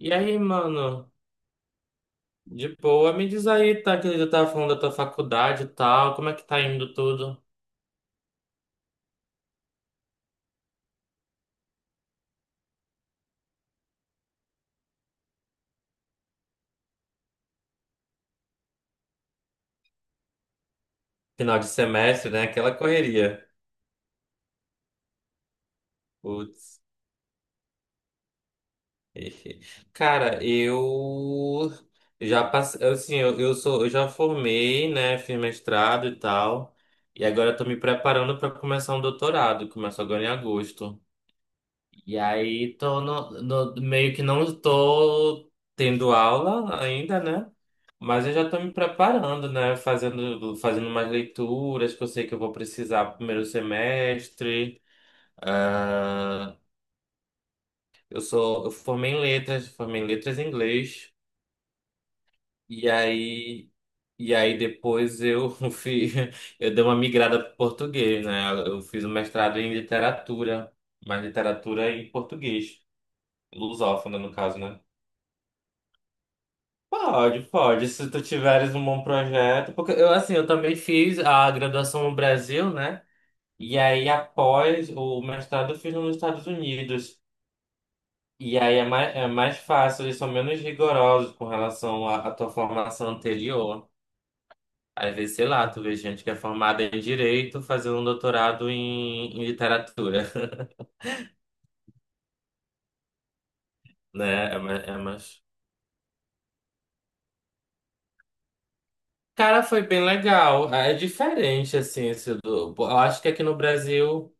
E aí, mano, de boa, me diz aí, tá, que eu tava falando da tua faculdade e tal, como é que tá indo tudo? Final de semestre, né? Aquela correria. Putz. Cara, eu já passei, assim, eu sou, eu já formei, né, fiz mestrado e tal, e agora eu tô me preparando pra começar um doutorado, começo agora em agosto. E aí tô meio que não tô tendo aula ainda, né? Mas eu já tô me preparando, né? Fazendo umas leituras que eu sei que eu vou precisar pro primeiro semestre. Ah, eu sou, eu formei em letras em inglês. E aí, e aí depois eu fiz, eu dei uma migrada para português, né? Eu fiz um mestrado em literatura, mas literatura em português, lusófona no caso, né? Pode, pode, se tu tiveres um bom projeto, porque eu assim, eu também fiz a graduação no Brasil, né? E aí após o mestrado eu fiz nos Estados Unidos. E aí é mais fácil, eles são menos rigorosos com relação à tua formação anterior. Às vezes, sei lá, tu vê gente que é formada em direito fazendo um doutorado em literatura, né? É, é mais... Cara, foi bem legal. É diferente, assim, esse do...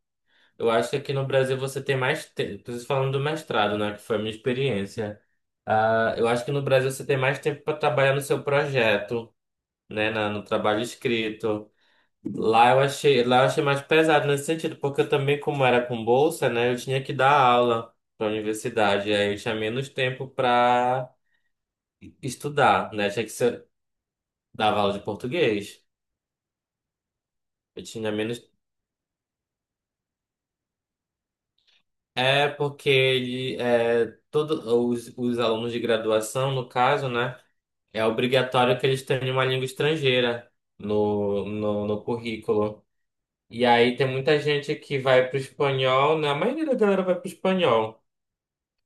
Eu acho que aqui no Brasil você tem mais tempo. Estou falando do mestrado, né? Que foi a minha experiência. Ah, eu acho que no Brasil você tem mais tempo para trabalhar no seu projeto, né? No trabalho escrito. Lá eu achei mais pesado nesse sentido, porque eu também, como era com bolsa, né? Eu tinha que dar aula para a universidade. Aí eu tinha menos tempo para estudar, né? Tinha que ser, dava aula de português. Eu tinha menos. É porque ele, é, todo, os alunos de graduação, no caso, né? É obrigatório que eles tenham uma língua estrangeira no currículo. E aí tem muita gente que vai pro espanhol, né? A maioria da galera vai pro espanhol.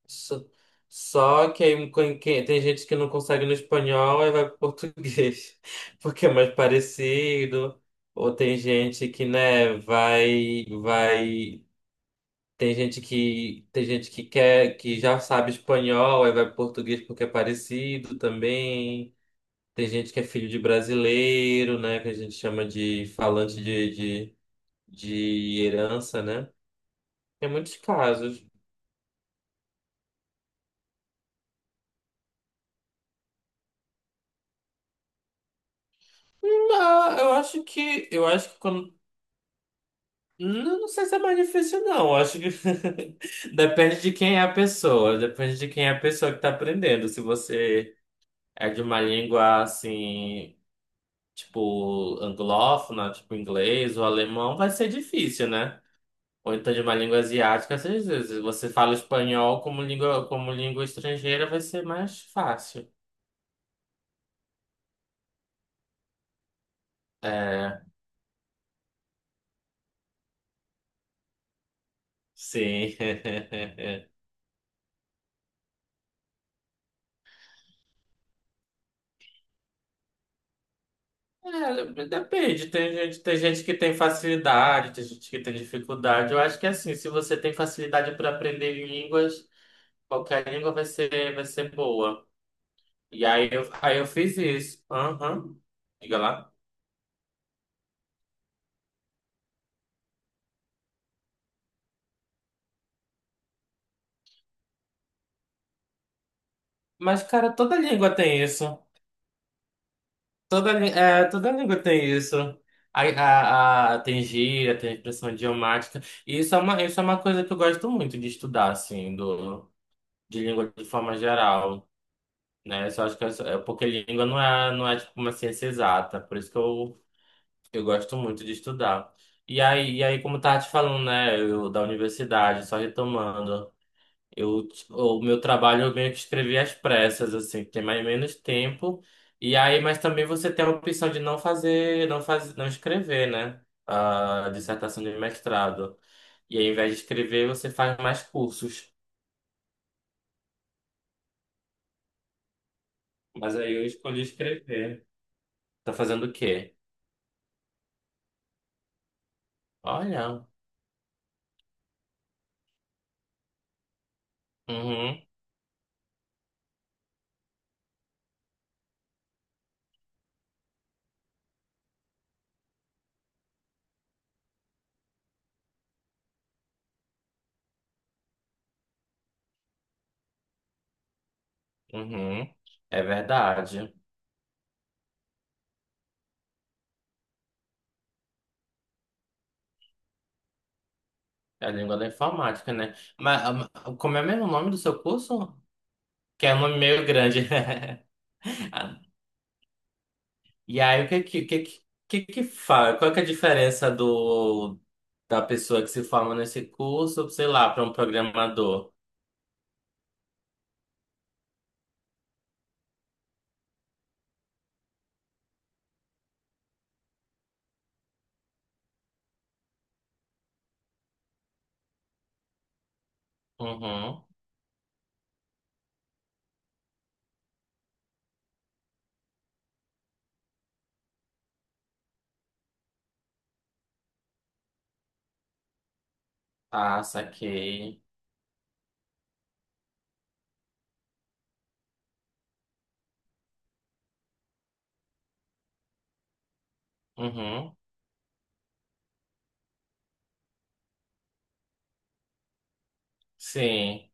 Só, só que aí com tem gente que não consegue no espanhol e vai pro português, porque é mais parecido. Ou tem gente que, né, vai. Tem gente que quer, que já sabe espanhol, aí vai pro português porque é parecido também. Tem gente que é filho de brasileiro, né? Que a gente chama de falante de herança, né? Tem muitos casos. Não, eu acho que. Eu acho que quando. Não, não sei se é mais difícil, não. Eu acho que depende de quem é a pessoa. Depende de quem é a pessoa que tá aprendendo. Se você é de uma língua assim, tipo, anglófona, tipo inglês ou alemão, vai ser difícil, né? Ou então de uma língua asiática, às vezes se você fala espanhol como língua estrangeira, vai ser mais fácil. É, sim. É, depende. Tem gente que tem facilidade, tem gente que tem dificuldade. Eu acho que é assim, se você tem facilidade para aprender línguas, qualquer língua vai ser boa. E aí eu fiz isso. Aham. Diga lá. Mas, cara, toda língua tem isso. Toda, é, toda língua tem isso. Tem gíria, tem expressão idiomática. E isso é uma coisa que eu gosto muito de estudar, assim, do, de língua de forma geral, né? Eu só acho que é, é porque língua não é, não é tipo uma ciência exata, por isso que eu gosto muito de estudar. E aí, como eu tava te falando, né, eu, da universidade, só retomando. Eu, o meu trabalho eu meio que escrevi às pressas, assim, tem mais ou menos tempo. E aí, mas também você tem a opção de não fazer, não fazer, não escrever, né? A dissertação de mestrado. E aí, ao invés de escrever, você faz mais cursos. Mas aí eu escolhi escrever. Tá fazendo o quê? Olha. Uhum, uhum. É verdade. É a língua da informática, né? Mas, ah, mas como é mesmo o nome do seu curso? Que é um nome meio grande. E aí, o que que, que fala? Qual que é a diferença da pessoa que se forma nesse curso, sei lá, para um programador? Uhum. Ah, saquei. Uhum. Sim.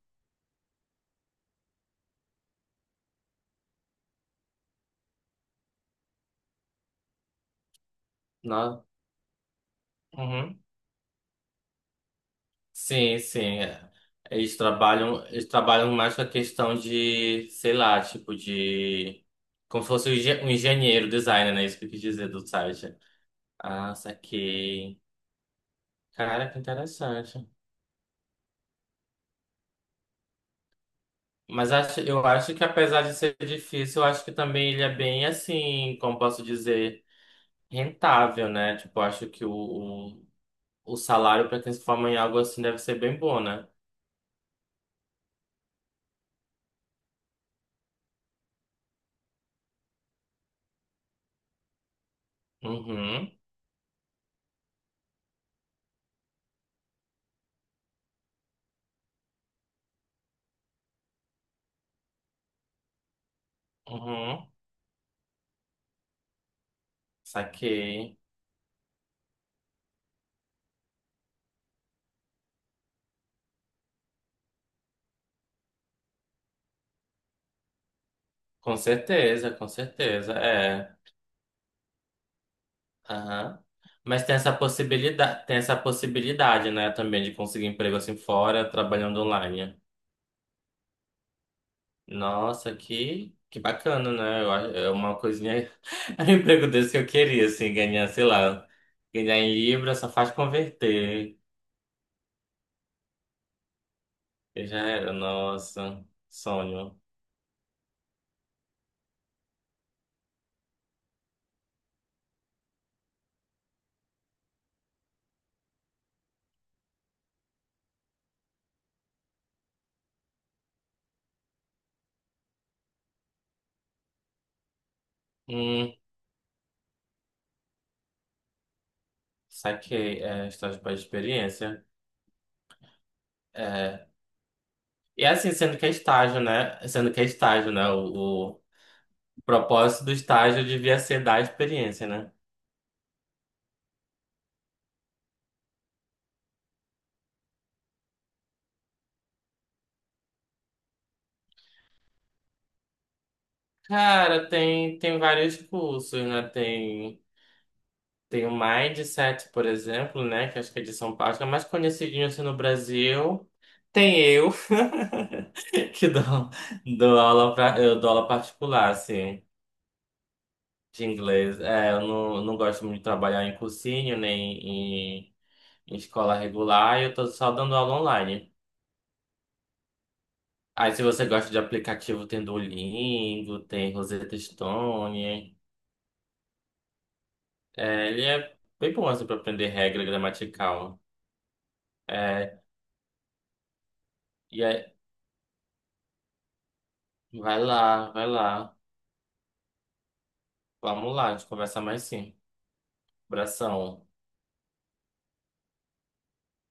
No... Uhum. Sim. é. Eles trabalham mais com a questão de, sei lá, tipo de. Como se fosse um um engenheiro, designer, né? Isso que eu quis dizer do site. Ah, saquei. Cara, que interessante. Mas acho, eu acho que apesar de ser difícil, eu acho que também ele é bem assim, como posso dizer, rentável, né? Tipo, eu acho que o salário para quem se forma em algo assim deve ser bem bom, né? Uhum, uhum, saquei. Com certeza, é. Aham. Mas tem essa possibilidade, né, também de conseguir emprego assim fora, trabalhando online. Nossa, que bacana, né? Eu é uma coisinha. É um emprego desse que eu queria, assim, ganhar, sei lá. Ganhar em Libra só faz converter. Eu já era, nossa, sonho. Hum, saquei. É, estágio para experiência. É. E é assim, sendo que é estágio, né? Sendo que é estágio, né? O propósito do estágio devia ser dar experiência, né? Cara, tem, tem vários cursos, né? Tem. Tem o Mindset, por exemplo, né? Que acho que é de São Paulo. Acho que é mais conhecidinho assim no Brasil. Tem eu, que dou, dou aula pra, eu dou aula particular, assim, de inglês. É, eu não, não gosto muito de trabalhar em cursinho, nem em, em escola regular. Eu tô só dando aula online. Aí, se você gosta de aplicativo, tem Duolingo, tem Rosetta Stone. É, ele é bem bom, assim, pra aprender regra gramatical. É, e aí, vai lá, vai lá. Vamos lá, a gente conversa mais sim. Abração.